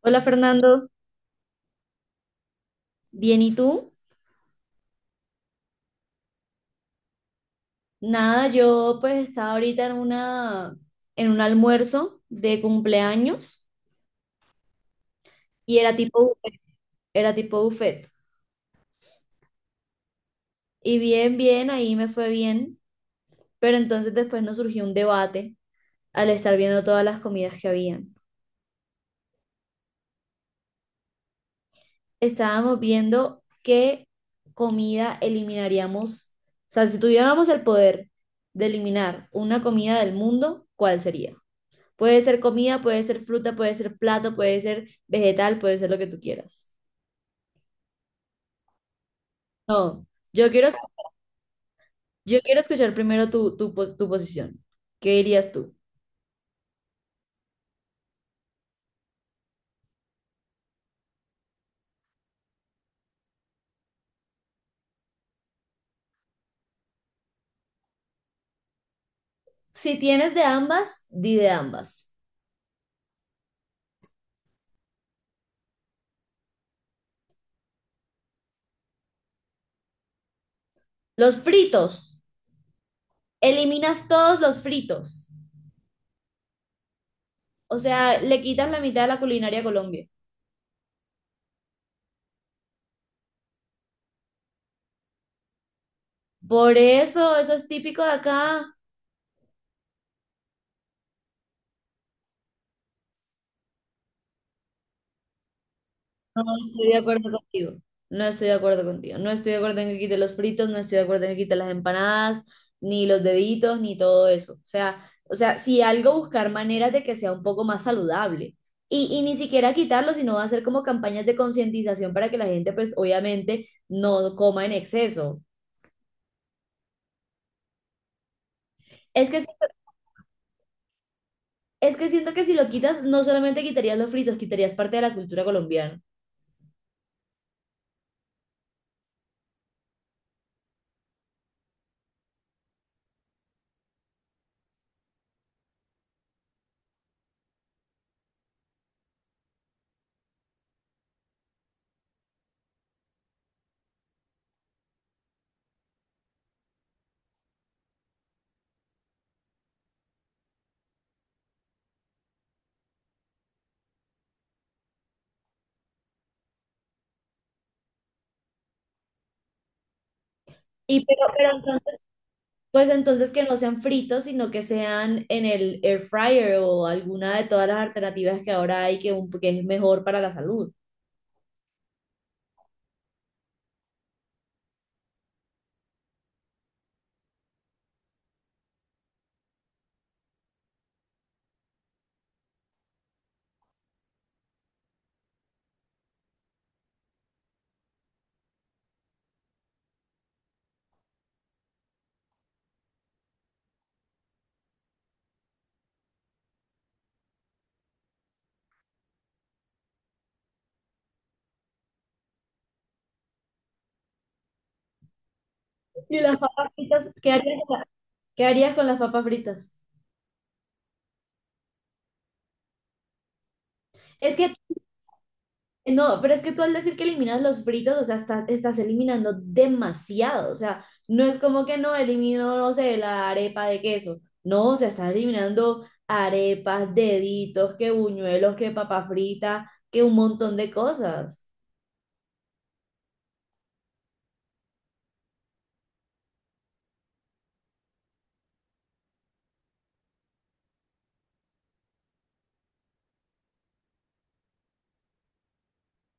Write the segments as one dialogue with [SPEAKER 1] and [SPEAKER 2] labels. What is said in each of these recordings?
[SPEAKER 1] Hola Fernando, bien, ¿y tú? Nada, yo pues estaba ahorita en un almuerzo de cumpleaños y era tipo buffet, era tipo buffet. Y bien, ahí me fue bien, pero entonces después nos surgió un debate al estar viendo todas las comidas que habían. Estábamos viendo qué comida eliminaríamos, o sea, si tuviéramos el poder de eliminar una comida del mundo, ¿cuál sería? Puede ser comida, puede ser fruta, puede ser plato, puede ser vegetal, puede ser lo que tú quieras. No, yo quiero, yo quiero escuchar primero tu posición. ¿Qué dirías tú? Si tienes de ambas, di de ambas. Los fritos, eliminas todos los fritos. O sea, le quitas la mitad de la culinaria a Colombia. Por eso, eso es típico de acá. No estoy de acuerdo contigo. No estoy de acuerdo contigo. No estoy de acuerdo en que quite los fritos, no estoy de acuerdo en que quite las empanadas, ni los deditos, ni todo eso. O sea, si algo buscar maneras de que sea un poco más saludable. Y ni siquiera quitarlo, sino hacer como campañas de concientización para que la gente, pues obviamente, no coma en exceso. Es que siento, es que siento que si lo quitas, no solamente quitarías los fritos, quitarías parte de la cultura colombiana. Pero entonces, pues entonces que no sean fritos, sino que sean en el air fryer o alguna de todas las alternativas que ahora hay que es mejor para la salud. ¿Y las papas fritas? ¿Qué harías con las papas fritas? Es que No, pero es que tú al decir que eliminas los fritos, o sea, estás eliminando demasiado. O sea, no es como que no elimino, no sé, la arepa de queso. No, o sea, estás eliminando arepas, deditos, que buñuelos, que papa frita, que un montón de cosas.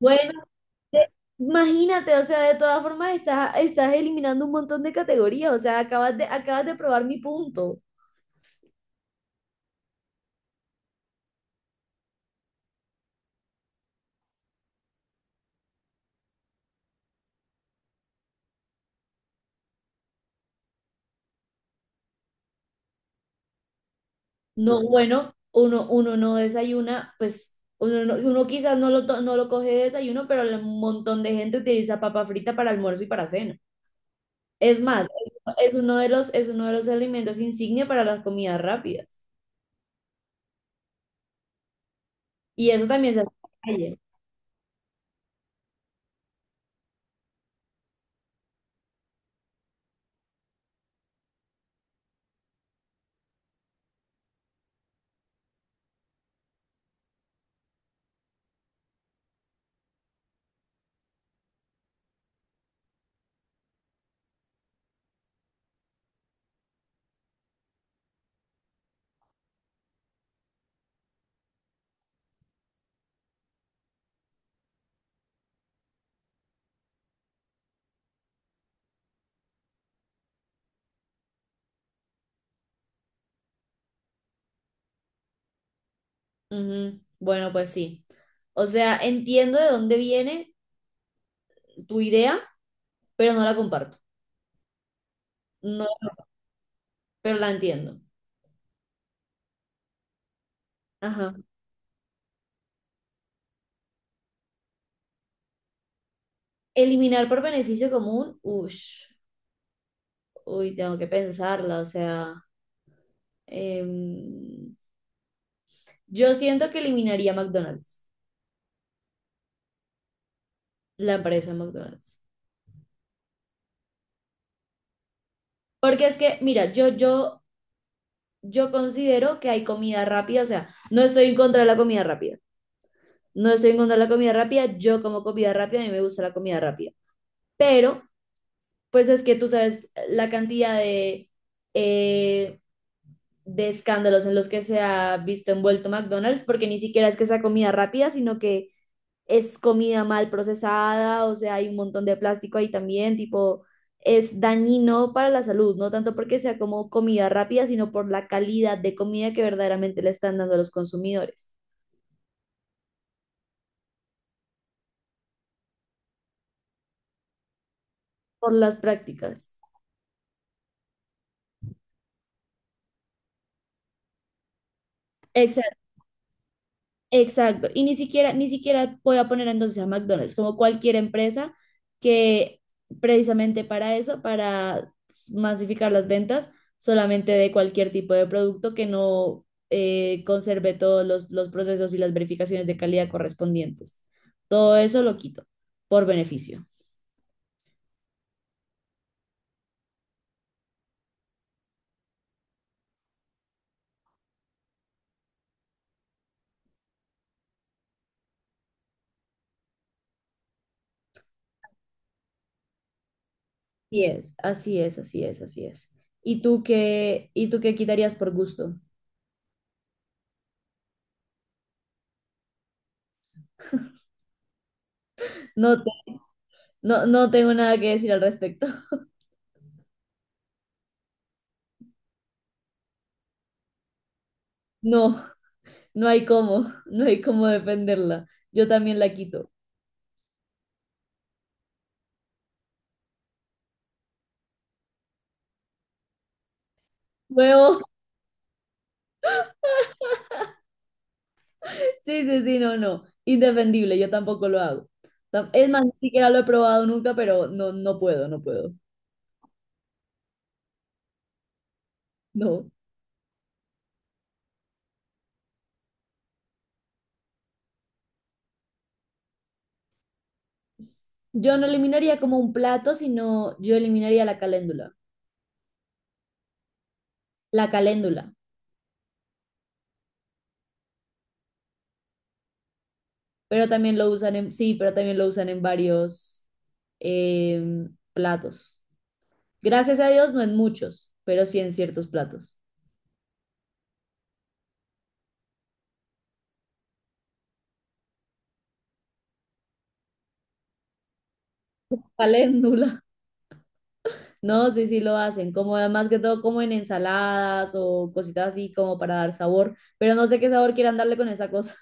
[SPEAKER 1] Bueno, de- imagínate, o sea, de todas formas estás eliminando un montón de categorías. O sea, acabas de probar mi punto. No, bueno, uno no desayuna, pues uno, uno quizás no lo coge de desayuno, pero un montón de gente utiliza papa frita para almuerzo y para cena. Es más, es uno de los, es uno de los alimentos insignia para las comidas rápidas. Y eso también se hace en la calle. Ujú, bueno, pues sí. O sea, entiendo de dónde viene tu idea, pero no la comparto. No, pero la entiendo. Ajá. Eliminar por beneficio común, ush, uy, tengo que pensarla, o sea. Em, yo siento que eliminaría McDonald's, la empresa McDonald's. Porque es que, mira, yo considero que hay comida rápida, o sea, no estoy en contra de la comida rápida. No estoy en contra de la comida rápida, yo como comida rápida, a mí me gusta la comida rápida. Pero, pues es que tú sabes la cantidad eh, de escándalos en los que se ha visto envuelto McDonald's, porque ni siquiera es que sea comida rápida, sino que es comida mal procesada, o sea, hay un montón de plástico ahí también, tipo, es dañino para la salud, no tanto porque sea como comida rápida, sino por la calidad de comida que verdaderamente le están dando a los consumidores, por las prácticas. Exacto, ni siquiera voy a poner entonces a McDonald's, como cualquier empresa que precisamente para eso, para masificar las ventas solamente de cualquier tipo de producto que no conserve todos los procesos y las verificaciones de calidad correspondientes. Todo eso lo quito por beneficio. Así es, así es, así es, así es. ¿Y tú qué quitarías por gusto? No, no, no tengo nada que decir al respecto. No. No hay cómo, no hay cómo defenderla. Yo también la quito. Huevo, sí, sí, sí, no, no. Indefendible, yo tampoco lo hago. Tam- Es más, ni siquiera lo he probado nunca, pero no, no puedo. No. Yo no eliminaría como un plato, sino yo eliminaría la caléndula. La caléndula. Pero también lo usan en, sí, pero también lo usan en varios platos. Gracias a Dios, no en muchos, pero sí en ciertos platos. Caléndula. No, sí lo hacen, como más que todo como en ensaladas o cositas así como para dar sabor, pero no sé qué sabor quieran darle con esa cosa.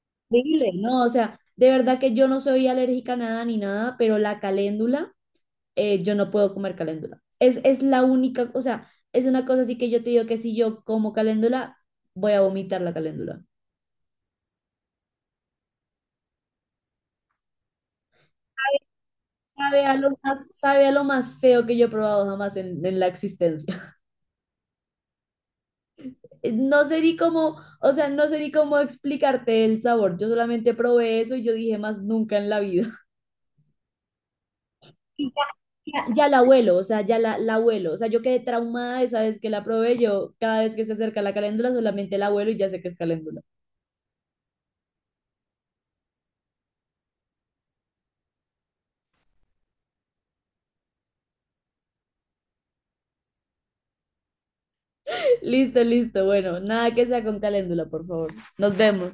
[SPEAKER 1] Horrible, no, o sea, de verdad que yo no soy alérgica a nada ni nada, pero la caléndula, yo no puedo comer caléndula. Es la única, o sea, es una cosa así que yo te digo que si yo como caléndula, voy a vomitar la caléndula. Sabe a lo más feo que yo he probado jamás en la existencia. No sé ni cómo, o sea, no sé ni cómo explicarte el sabor. Yo solamente probé eso y yo dije más nunca en la vida. Y Ya, ya la abuelo, o sea, la abuelo. O sea, yo quedé traumada esa vez que la probé. Yo cada vez que se acerca la caléndula solamente la abuelo y ya sé que es caléndula. Listo, listo. Bueno, nada que sea con caléndula, por favor. Nos vemos.